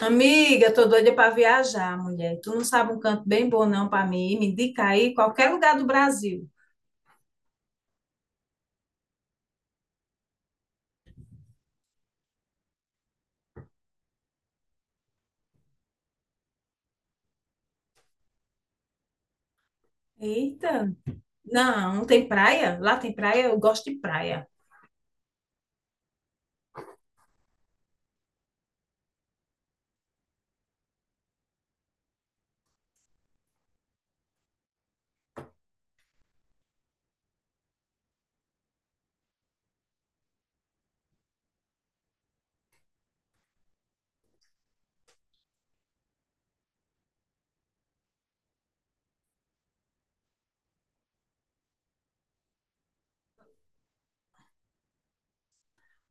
Amiga, tô doida para viajar, mulher. Tu não sabe um canto bem bom não para mim? Me indica aí qualquer lugar do Brasil. Eita, não, não tem praia? Lá tem praia, eu gosto de praia.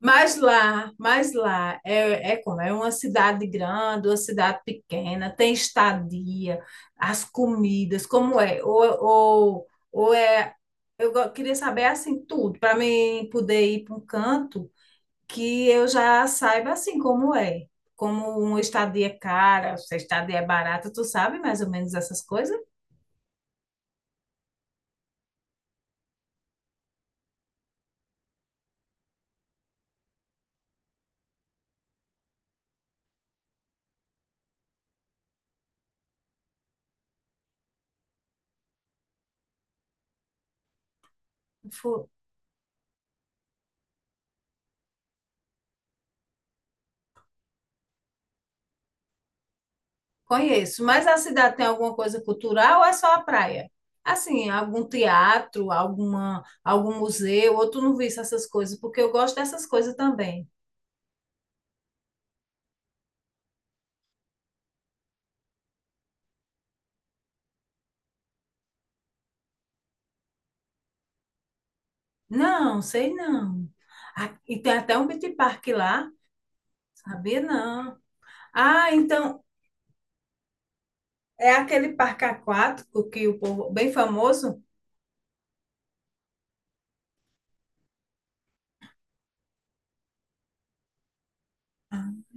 Mas lá é como é, uma cidade grande, uma cidade pequena, tem estadia, as comidas, como é? Queria saber assim tudo para mim poder ir para um canto que eu já saiba assim como é. Como, uma estadia é cara, se a estadia é barata, tu sabe mais ou menos essas coisas? Fu- Conheço, mas a cidade tem alguma coisa cultural ou é só a praia? Assim, algum teatro, algum museu, ou tu não viste essas coisas? Porque eu gosto dessas coisas também. Não, sei não. Ah, e tem até um beach park lá, sabia não. Ah, então é aquele parque aquático que o povo bem famoso.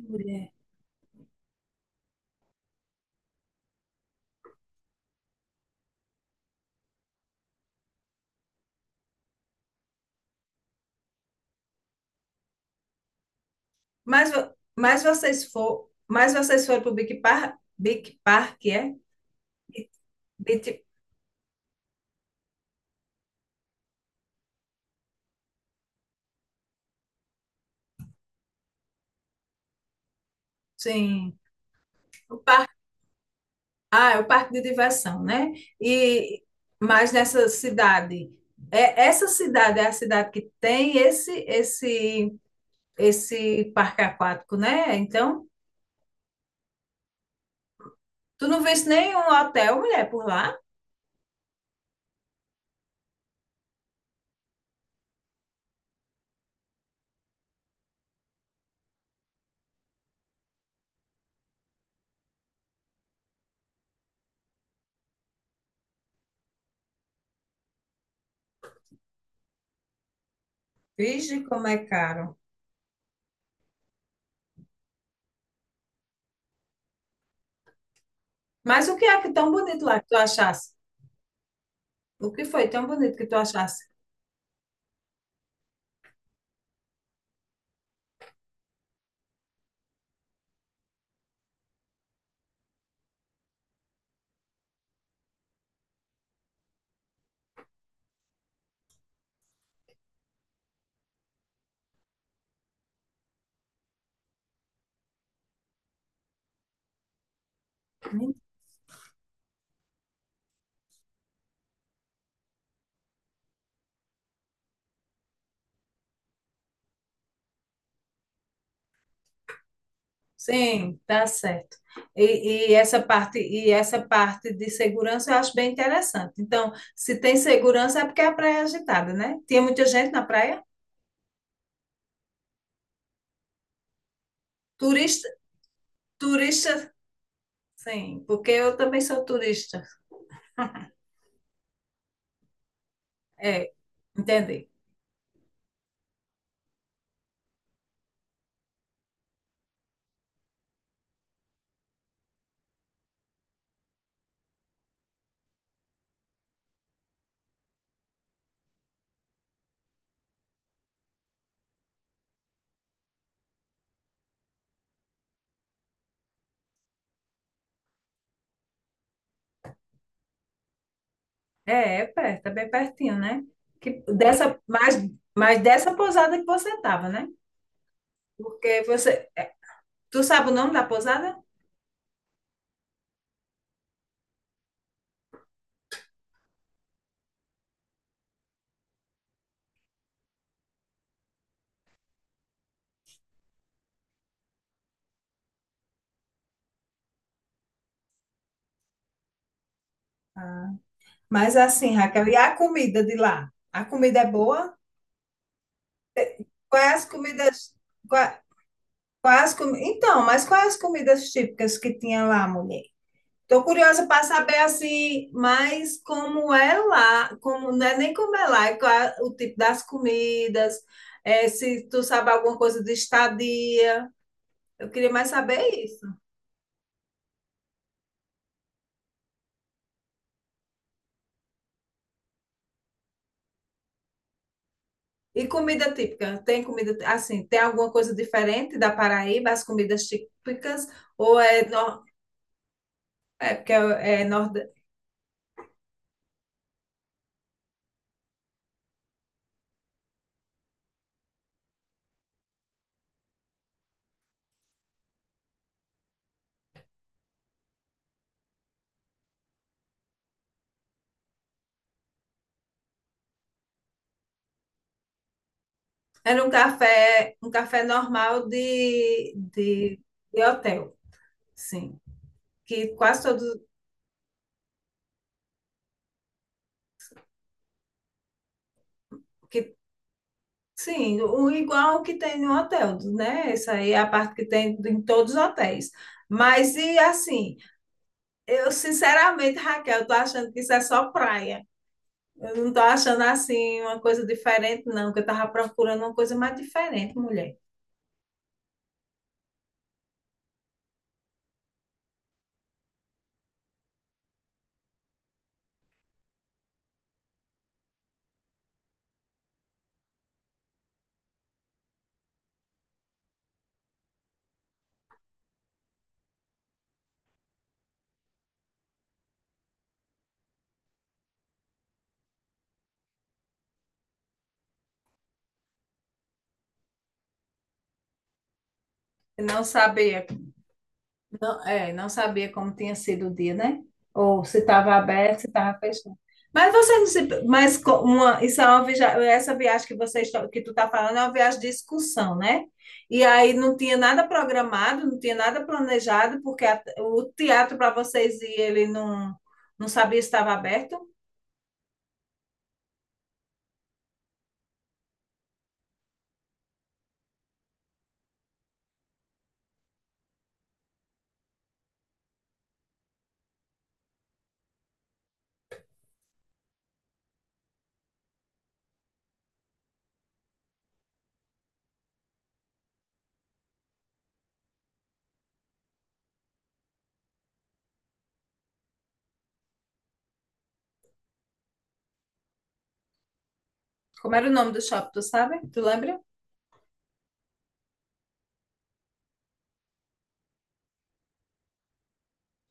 Mulher. Mas, mas vocês foram pro Big Park, Big Park é? Beach, sim. O parque, ah, é o parque de diversão, né? E mas nessa cidade, é, essa cidade é a cidade que tem esse esse parque aquático, né? Então tu não viste nenhum hotel, mulher, por lá? Vige como é caro. Mas o que é que tão bonito lá que tu achasse? O que foi tão bonito que tu achasse? Hum? Sim, tá certo. E, e essa parte de segurança eu acho bem interessante. Então, se tem segurança é porque a praia é agitada, né? Tinha muita gente na praia? Turista, turista, sim, porque eu também sou turista. É, entendi. É, é perto, é bem pertinho, né? Que, dessa, mais, mais dessa pousada que você estava, né? Porque você. Tu sabe o nome da pousada? Mas assim, Raquel, e a comida de lá? A comida é boa? Quais as comidas? Então, mas quais as comidas típicas que tinha lá, mulher? Estou curiosa para saber assim, mas como é lá, como não é nem como é lá, é qual é o tipo das comidas, é, se tu sabe alguma coisa de estadia. Eu queria mais saber isso. E comida típica? Tem comida assim, tem alguma coisa diferente da Paraíba, as comidas típicas, ou é, é porque é, é era um café normal de hotel, sim. Que quase todos, que sim, o igual que tem no hotel, né? Essa aí é a parte que tem em todos os hotéis. Mas e assim, eu sinceramente, Raquel, tô achando que isso é só praia. Eu não tô achando assim uma coisa diferente, não, que eu tava procurando uma coisa mais diferente, mulher. Eu não sabia. Não, é, não sabia como tinha sido o dia, né? Ou se estava aberto, se estava fechado. Mas você não se, uma, isso é uma viagem, essa viagem que você que tu está falando é uma viagem de excursão, né? E aí não tinha nada programado, não tinha nada planejado, porque o teatro para vocês e ele não não sabia se estava aberto. Como era o nome do shopping, tu sabe? Tu lembra?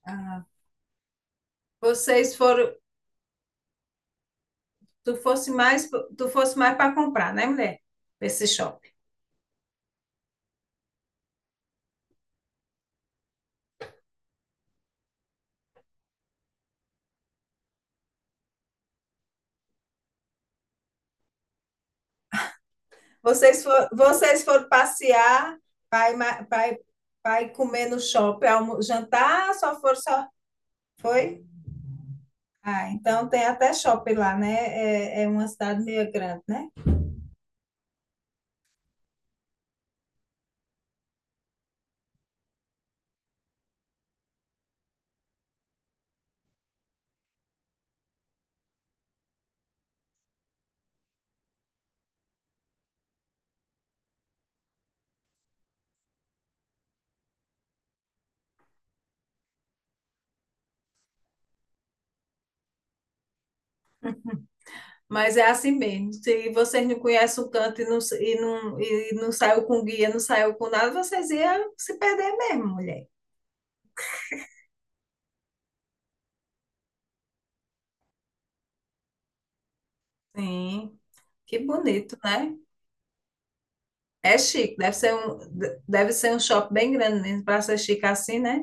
Ah, vocês foram, tu fosse mais, tu fosse mais para comprar, né, mulher? Esse shopping. Vocês foram passear, pai, pai comer no shopping, jantar, só foram só. Foi? Ah, então tem até shopping lá, né? É, é uma cidade meio grande, né? Mas é assim mesmo. Se vocês não conhecem o canto e e não saiu com guia, não saiu com nada, vocês iam se perder mesmo, mulher. Sim, que bonito, né? É chique, deve ser um shopping bem grande mesmo, para ser chique assim, né?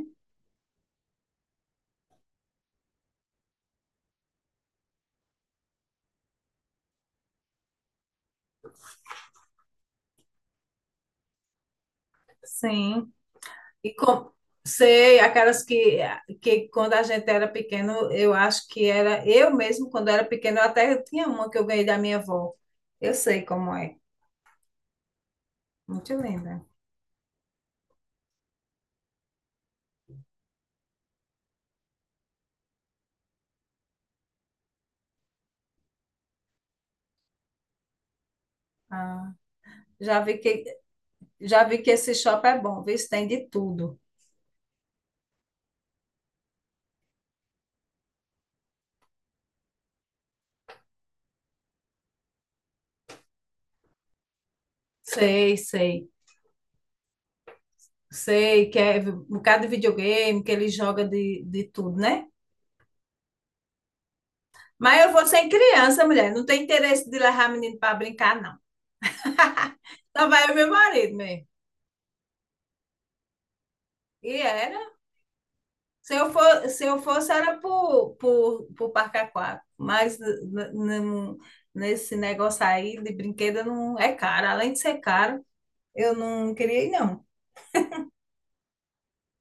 Sim. E com, sei, aquelas que quando a gente era pequeno, eu acho que era. Eu mesmo, quando era pequeno, eu até tinha uma que eu ganhei da minha avó. Eu sei como é. Muito linda. Ah, já vi que, já vi que esse shopping é bom, viu? Tem de tudo. Sei, sei. Sei que é um bocado de videogame, que ele joga de tudo, né? Mas eu vou sem criança, mulher. Não tem interesse de levar menino para brincar, não. Só vai o meu marido mesmo. E era. Se eu for, se eu fosse, era por Parque Aquático, mas n- nesse negócio aí de brinquedo não é caro. Além de ser caro, eu não queria ir, não.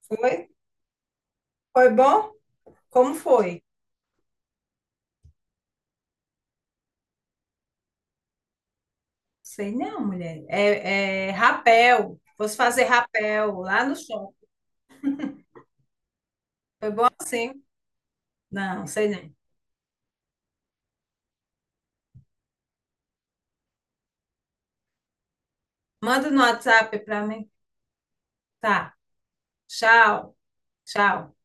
Foi? Foi bom? Como foi? Sei não, mulher. É, é rapel. Fosse fazer rapel lá no shopping. Foi bom assim? Não, sei não. Manda no WhatsApp para mim. Tá. Tchau. Tchau.